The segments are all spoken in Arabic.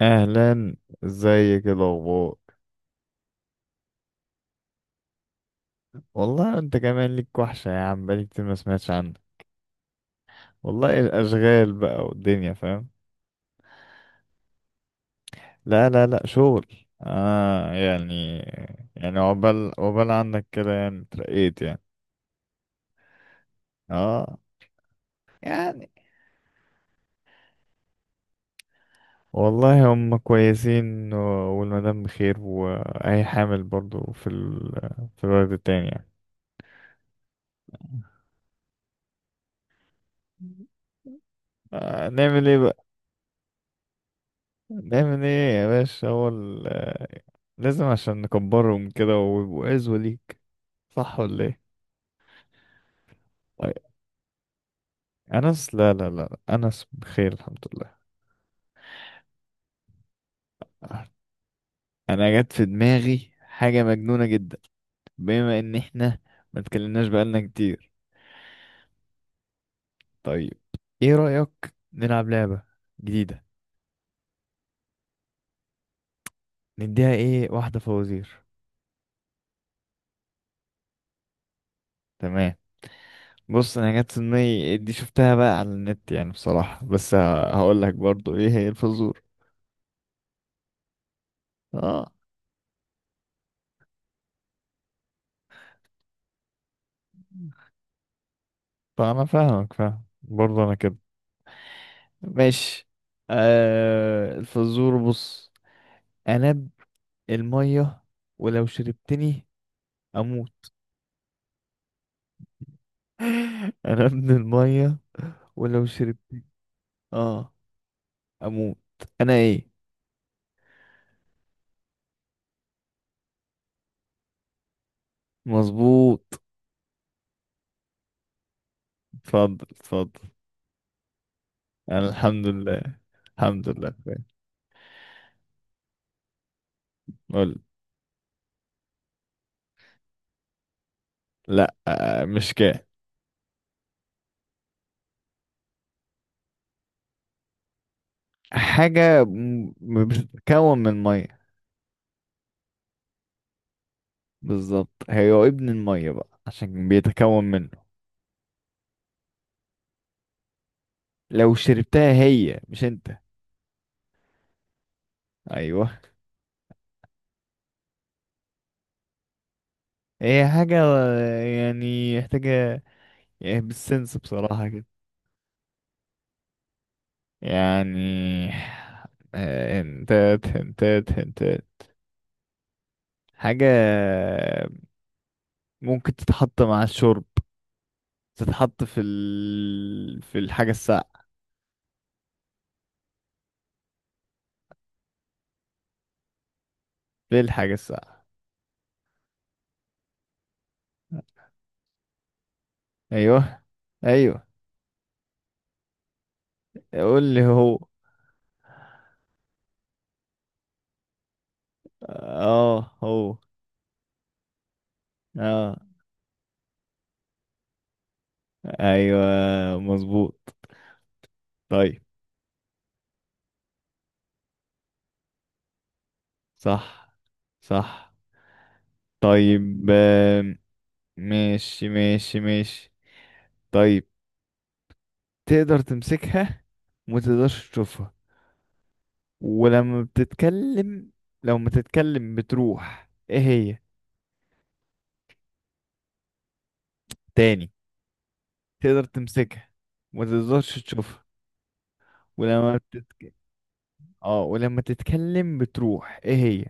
اهلا، ازيك؟ إيه الاخبار؟ والله انت كمان ليك وحشه يا عم، بقالي كتير ما سمعتش عنك. والله الاشغال بقى والدنيا، فاهم. لا لا لا، شغل. اه، يعني. يعني عقبال عنك كده، يعني اترقيت يعني. اه، يعني. والله هم كويسين، والمدام بخير، وهي حامل برضو في الولد التاني يعني. آه، نعمل ايه. نعمل ايه يا باشا، هو لازم عشان نكبرهم كده ويبقوا عزوة ليك. صح ولا ايه؟ طيب، انس، لا لا لا. لا. انس بخير الحمد لله. انا جت في دماغي حاجة مجنونة جدا. بما ان احنا ما اتكلمناش بقالنا كتير. طيب، ايه رأيك نلعب لعبة جديدة؟ نديها ايه، واحدة فوازير. تمام. بص، انا جت في دماغي دي شفتها بقى على النت يعني بصراحة، بس هقول لك برضو ايه هي الفزور. اه. فأنا فاهمك فاهم برضه أنا كده. ماشي. آه، الفزور بص. أنا ابن المية، ولو شربتني أموت. أنا ابن المية ولو شربت، آه أموت. أنا إيه؟ مظبوط. اتفضل، اتفضل. أنا الحمد لله. الحمد لله، فاهم. قول. لأ، آه، مش كده. حاجة بتتكون من مية. بالظبط، هي ابن المية بقى عشان بيتكون منه. لو شربتها هي مش انت. ايوه. هي حاجة. يعني محتاجة. يعني بالسنس بصراحة كده. يعني، آه، هنتات هنتات هنتات. حاجة ممكن تتحط مع الشرب. في الحاجة الساقعة. في الحاجة الساقعة. ايوه، ايوه. قول لي هو. اه، هو. اه. ايوه، مظبوط. طيب. صح، صح. طيب. ماشي، ماشي، ماشي. طيب. تقدر تمسكها وما تقدرش تشوفها، ولما بتتكلم لو ما تتكلم بتروح ايه هي تاني؟ تقدر تمسكها وما تقدرش تشوفها، ولما بتتك... اه ولما تتكلم بتروح ايه هي؟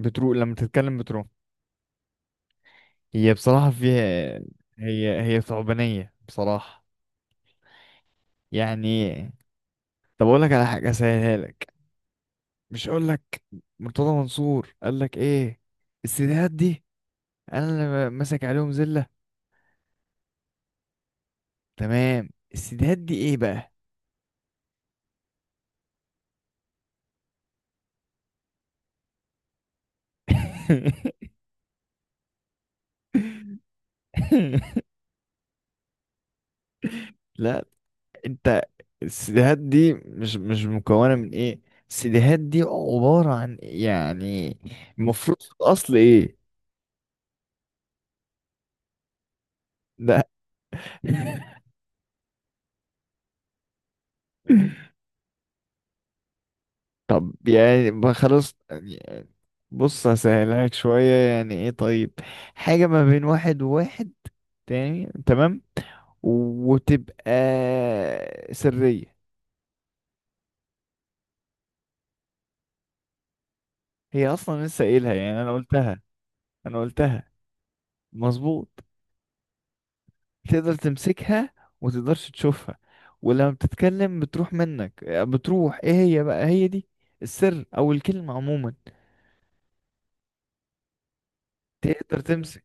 بتروح، لما تتكلم بتروح. هي بصراحة فيها. هي ثعبانية بصراحة. يعني. طب اقول لك على حاجة اسهلها لك. مش، اقول لك. مرتضى منصور قال لك ايه؟ السيديهات دي انا اللي ماسك عليهم زلة. تمام، السيديهات دي ايه بقى؟ لا، انت، السيديهات دي مش مكونة من ايه. السيديهات دي عبارة عن يعني، المفروض في الاصل ايه؟ لا. طب يعني ما خلاص يعني. بص هسهلها لك شوية، يعني ايه طيب. حاجة ما بين واحد وواحد تاني، تمام، وتبقى سرية. هي اصلا لسه قايلها يعني انا قلتها. انا قلتها. مظبوط. تقدر تمسكها وتقدرش تشوفها، ولما بتتكلم بتروح منك، بتروح ايه هي بقى هي دي؟ السر او الكلمة عموما. تقدر تمسك.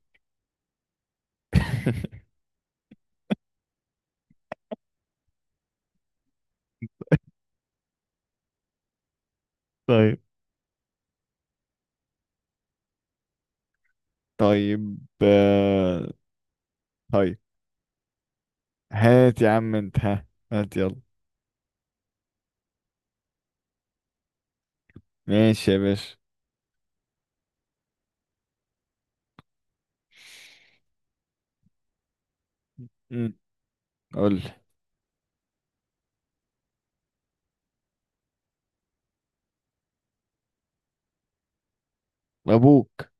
طيب، طيب، آه، طيب. هات يا عم انت، ها، هات يلا. ماشي يا باشا. مم. قول لي. ابوك.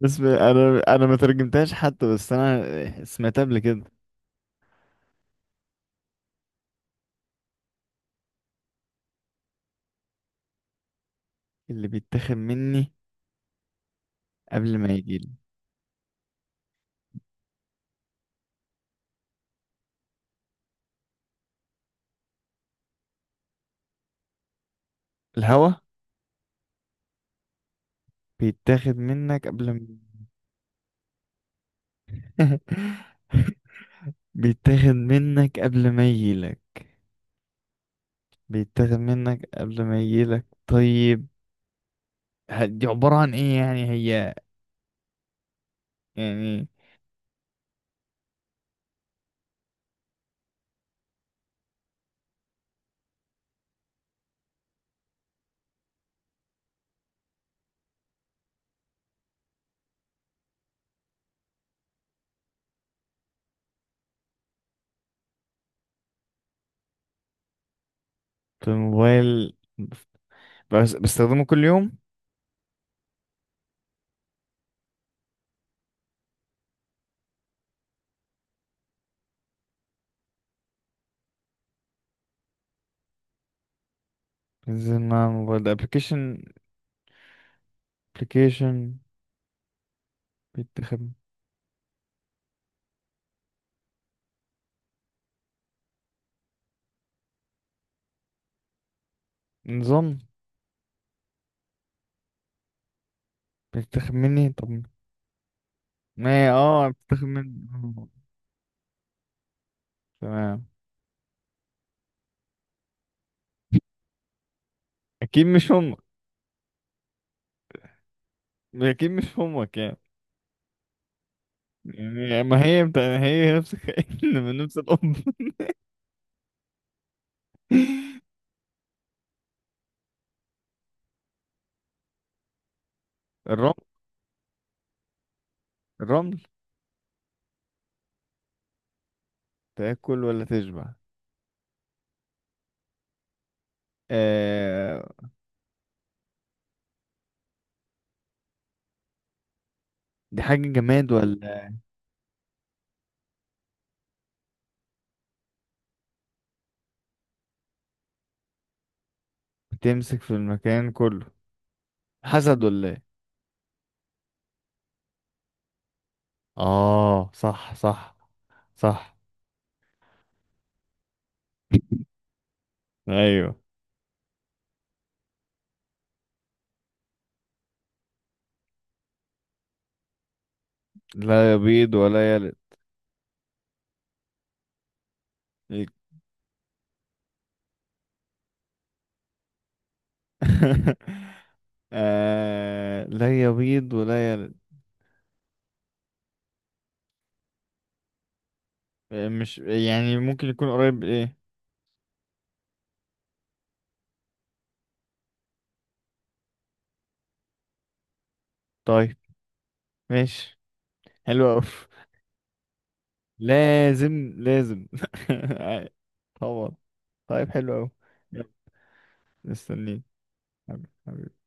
بس انا ما ترجمتهاش حتى، بس انا سمعتها قبل كده. اللي بيتاخد مني قبل ما يجيلي؟ الهوا. بيتاخد منك قبل ما. بيتاخد منك قبل ما يجيلك. بيتاخد منك قبل ما يجيلك، طيب. دي عبارة عن ايه يعني هي؟ يعني. في الموبايل، بس بستخدمه كل يوم. بنزل مع الموبايل، ده ابلكيشن؟ ابلكيشن، بيتاخد، نظام. بيتاخد مني طب. ما بيتاخد مني، تمام. اكيد مش امك. اكيد مش امك. يعني ما هي هي نفس الكائن من نفس الأم. الرمل. الرمل. تاكل ولا تشبع؟ آه... دي حاجة جماد ولا؟ بتمسك في المكان كله. حسد ولا ايه؟ اه، صح صح. صح. ايوه. لا يبيض ولا يلد. إيه. لا يبيض ولا يلد. آه، مش يعني ممكن يكون قريب ايه؟ طيب. ماشي. حلو أوي. لازم، لازم. طبعا. طيب، حلو أوي. يلا. مستنيك. حبيبي، حبيبي.